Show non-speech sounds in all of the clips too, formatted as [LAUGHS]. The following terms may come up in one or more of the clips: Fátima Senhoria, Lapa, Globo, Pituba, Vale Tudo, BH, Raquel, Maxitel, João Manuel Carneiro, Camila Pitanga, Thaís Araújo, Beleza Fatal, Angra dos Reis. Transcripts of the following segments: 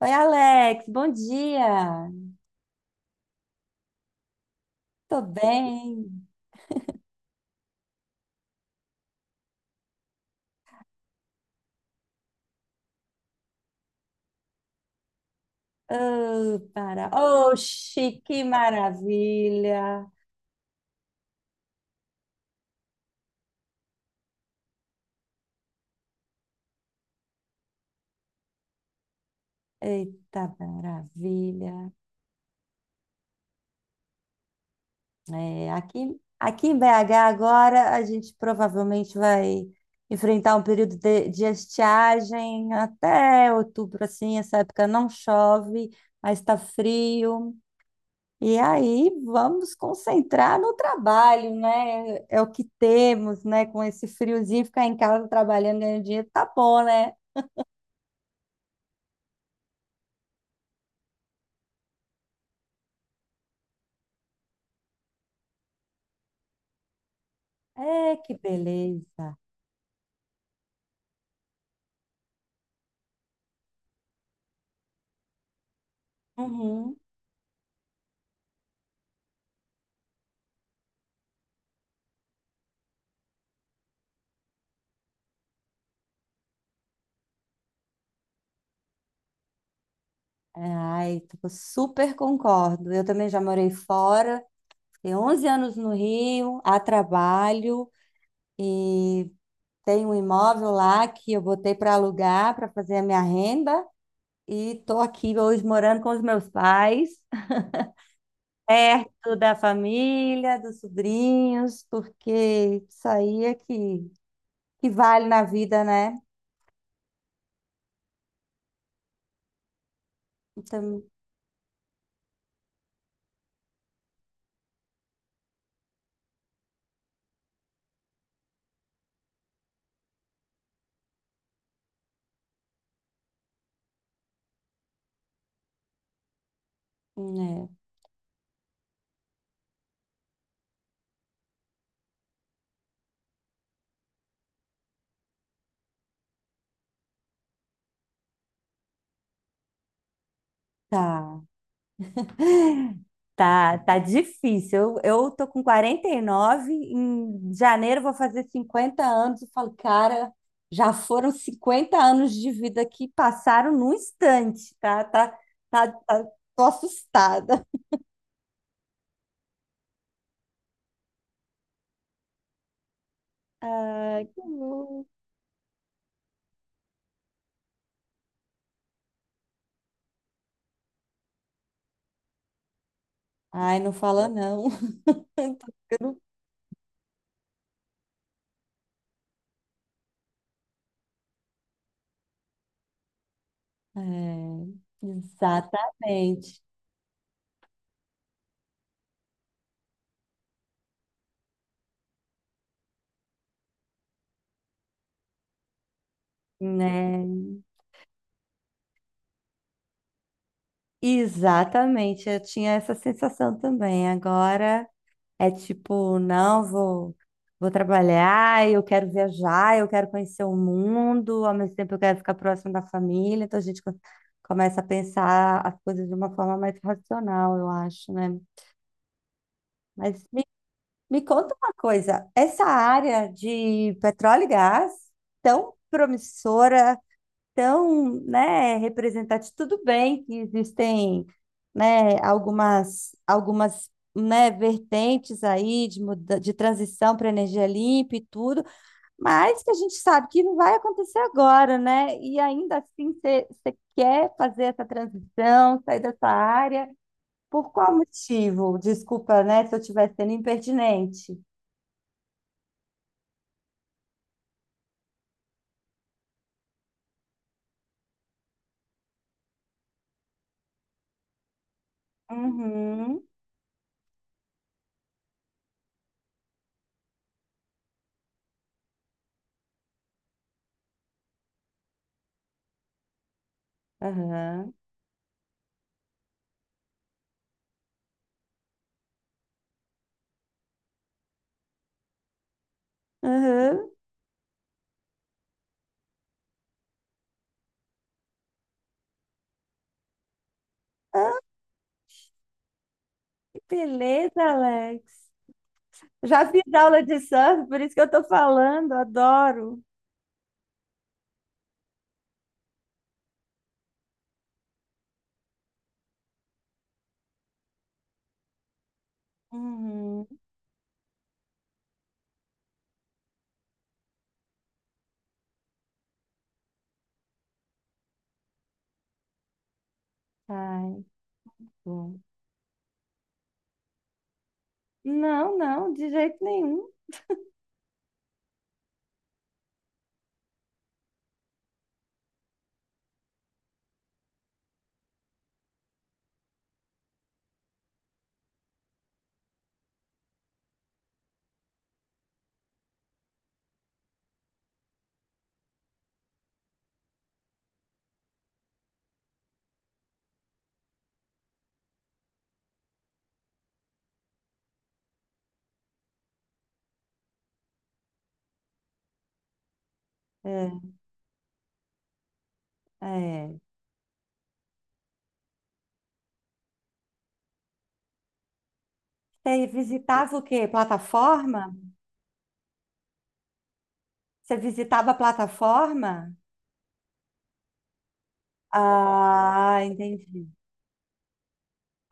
Oi, Alex, bom dia. Tô bem. Oh, para. Oxi, que maravilha. Eita, maravilha. É, aqui em BH agora a gente provavelmente vai enfrentar um período de estiagem até outubro, assim, essa época não chove, mas está frio. E aí vamos concentrar no trabalho, né? É o que temos, né? Com esse friozinho, ficar em casa trabalhando, ganhando dinheiro, tá bom, né? É, que beleza. Uhum. Ai, tipo, super concordo. Eu também já morei fora, fiquei 11 anos no Rio, a trabalho, e tenho um imóvel lá que eu botei para alugar, para fazer a minha renda, e estou aqui hoje morando com os meus pais, perto da família, dos sobrinhos, porque isso aí é que vale na vida, né? Então, né? Tá, tá difícil. Eu tô com 49, em janeiro eu vou fazer 50 anos. Eu falo, cara, já foram 50 anos de vida que passaram num instante, tá? Tá, tá, tô assustada. Ai, que bom. Ai, não fala não. [LAUGHS] É, exatamente, né? Exatamente, eu tinha essa sensação também. Agora é tipo, não, vou trabalhar, eu quero viajar, eu quero conhecer o mundo, ao mesmo tempo eu quero ficar próximo da família, então começa a pensar as coisas de uma forma mais racional, eu acho, né? Mas me, me conta uma coisa, essa área de petróleo e gás, tão promissora, tão, né, representativo. Tudo bem que existem, né, algumas, né, vertentes aí de transição para energia limpa e tudo, mas que a gente sabe que não vai acontecer agora, né? E ainda assim você quer fazer essa transição, sair dessa área, por qual motivo? Desculpa, né, se eu estiver sendo impertinente. Uhum, aham, aham. Que beleza, Alex. Já fiz aula de surf, por isso que eu estou falando, adoro. Uhum. Ai, bom. Não, não, de jeito nenhum. É, é. Você visitava o quê? Plataforma? Você visitava a plataforma? Ah, entendi.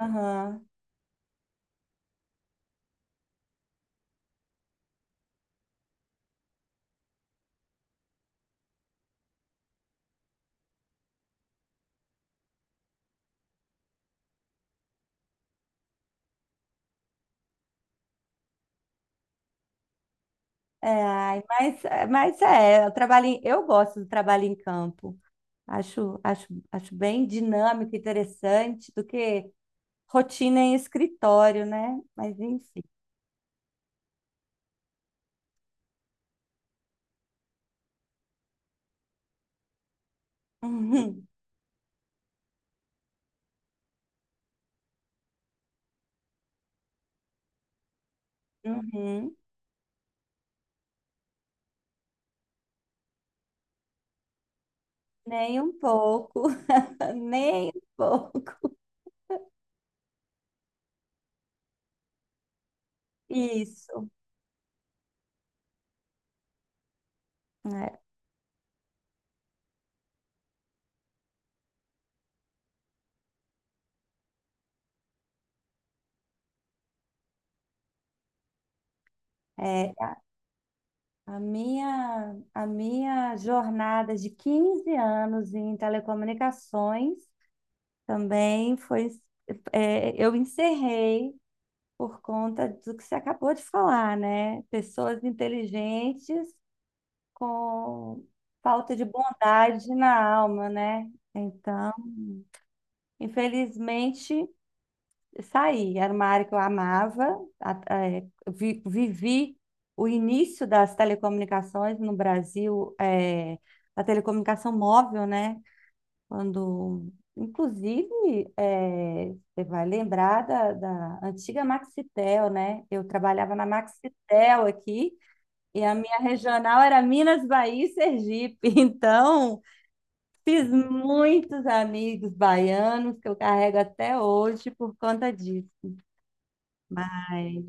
Aham. É, ai, mas é, eu eu gosto do trabalho em campo. Acho, acho, acho bem dinâmico, interessante do que rotina em escritório, né? Mas enfim. [LAUGHS] Uhum. Nem um pouco, [LAUGHS] nem um pouco. Isso, né? É, a minha jornada de 15 anos em telecomunicações também foi, é, eu encerrei por conta do que você acabou de falar, né? Pessoas inteligentes com falta de bondade na alma, né? Então, infelizmente, saí. Era uma área que eu amava. Vivi o início das telecomunicações no Brasil, é, da telecomunicação móvel, né? Quando, inclusive, é, você vai lembrar da antiga Maxitel, né? Eu trabalhava na Maxitel aqui. E a minha regional era Minas, Bahia e Sergipe. [LAUGHS] Então, fiz muitos amigos baianos que eu carrego até hoje por conta disso. Mas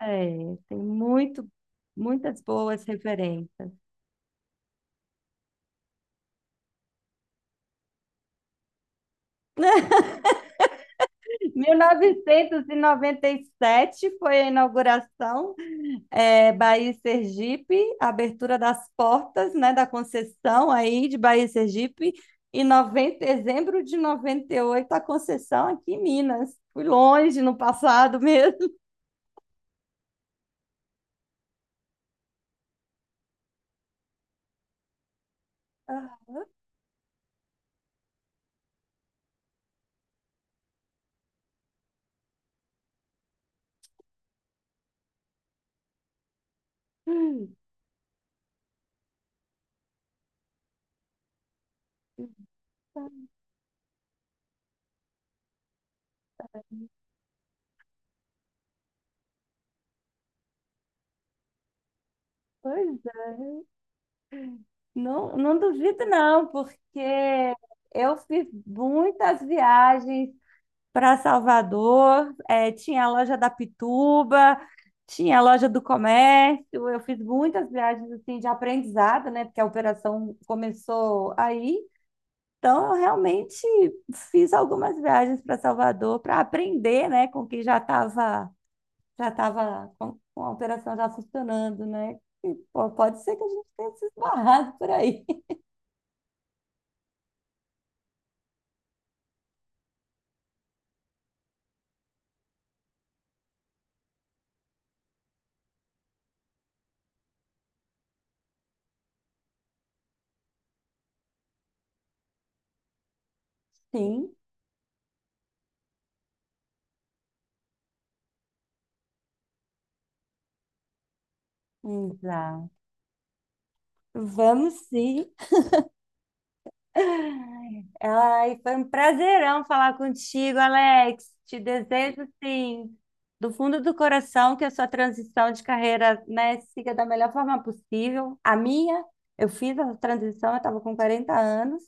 é, muitas boas referências. [LAUGHS] Mil novecentos e noventa e sete foi a inauguração, é, Bahia e Sergipe, a abertura das portas, né, da concessão aí de Bahia e Sergipe, e dezembro de 98 a concessão aqui em Minas. Fui longe no passado mesmo. [LAUGHS] Hum, pois é, não, não duvido não, porque eu fiz muitas viagens para Salvador, eh, tinha a loja da Pituba, tinha a loja do comércio. Eu fiz muitas viagens assim de aprendizado, né? Porque a operação começou aí. Então, eu realmente fiz algumas viagens para Salvador para aprender, né, com quem já estava com a operação já funcionando, né? E, pô, pode ser que a gente tenha se esbarrado por aí. [LAUGHS] Sim, exato. Vamos sim. Ai, foi um prazerão falar contigo, Alex. Te desejo, sim, do fundo do coração, que a sua transição de carreira, né, siga da melhor forma possível. A minha, eu fiz a transição, eu estava com 40 anos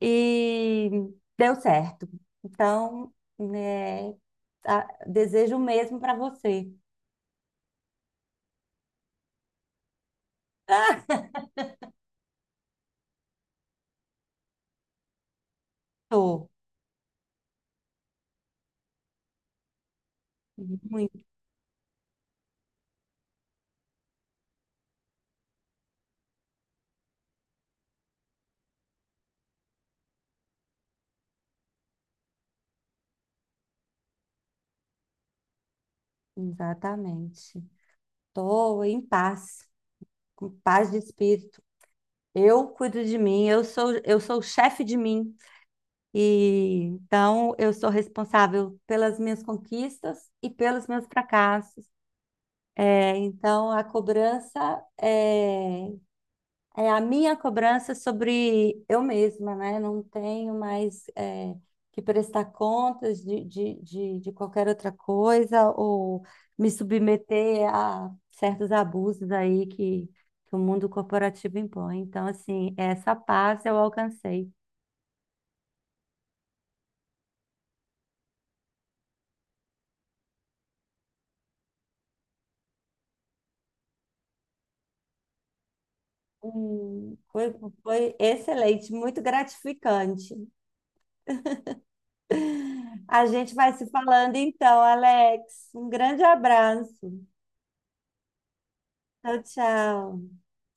e deu certo. Então, né, a- desejo o mesmo para você. Tô, muito, exatamente. Tô em paz, com paz de espírito. Eu cuido de mim, eu sou o chefe de mim. E então eu sou responsável pelas minhas conquistas e pelos meus fracassos. É, então é a minha cobrança sobre eu mesma, né? Não tenho mais é, que prestar contas de qualquer outra coisa ou me submeter a certos abusos aí que o mundo corporativo impõe. Então, assim, essa paz eu alcancei. Hum, foi, foi excelente, muito gratificante. A gente vai se falando então, Alex. Um grande abraço. Tchau, tchau.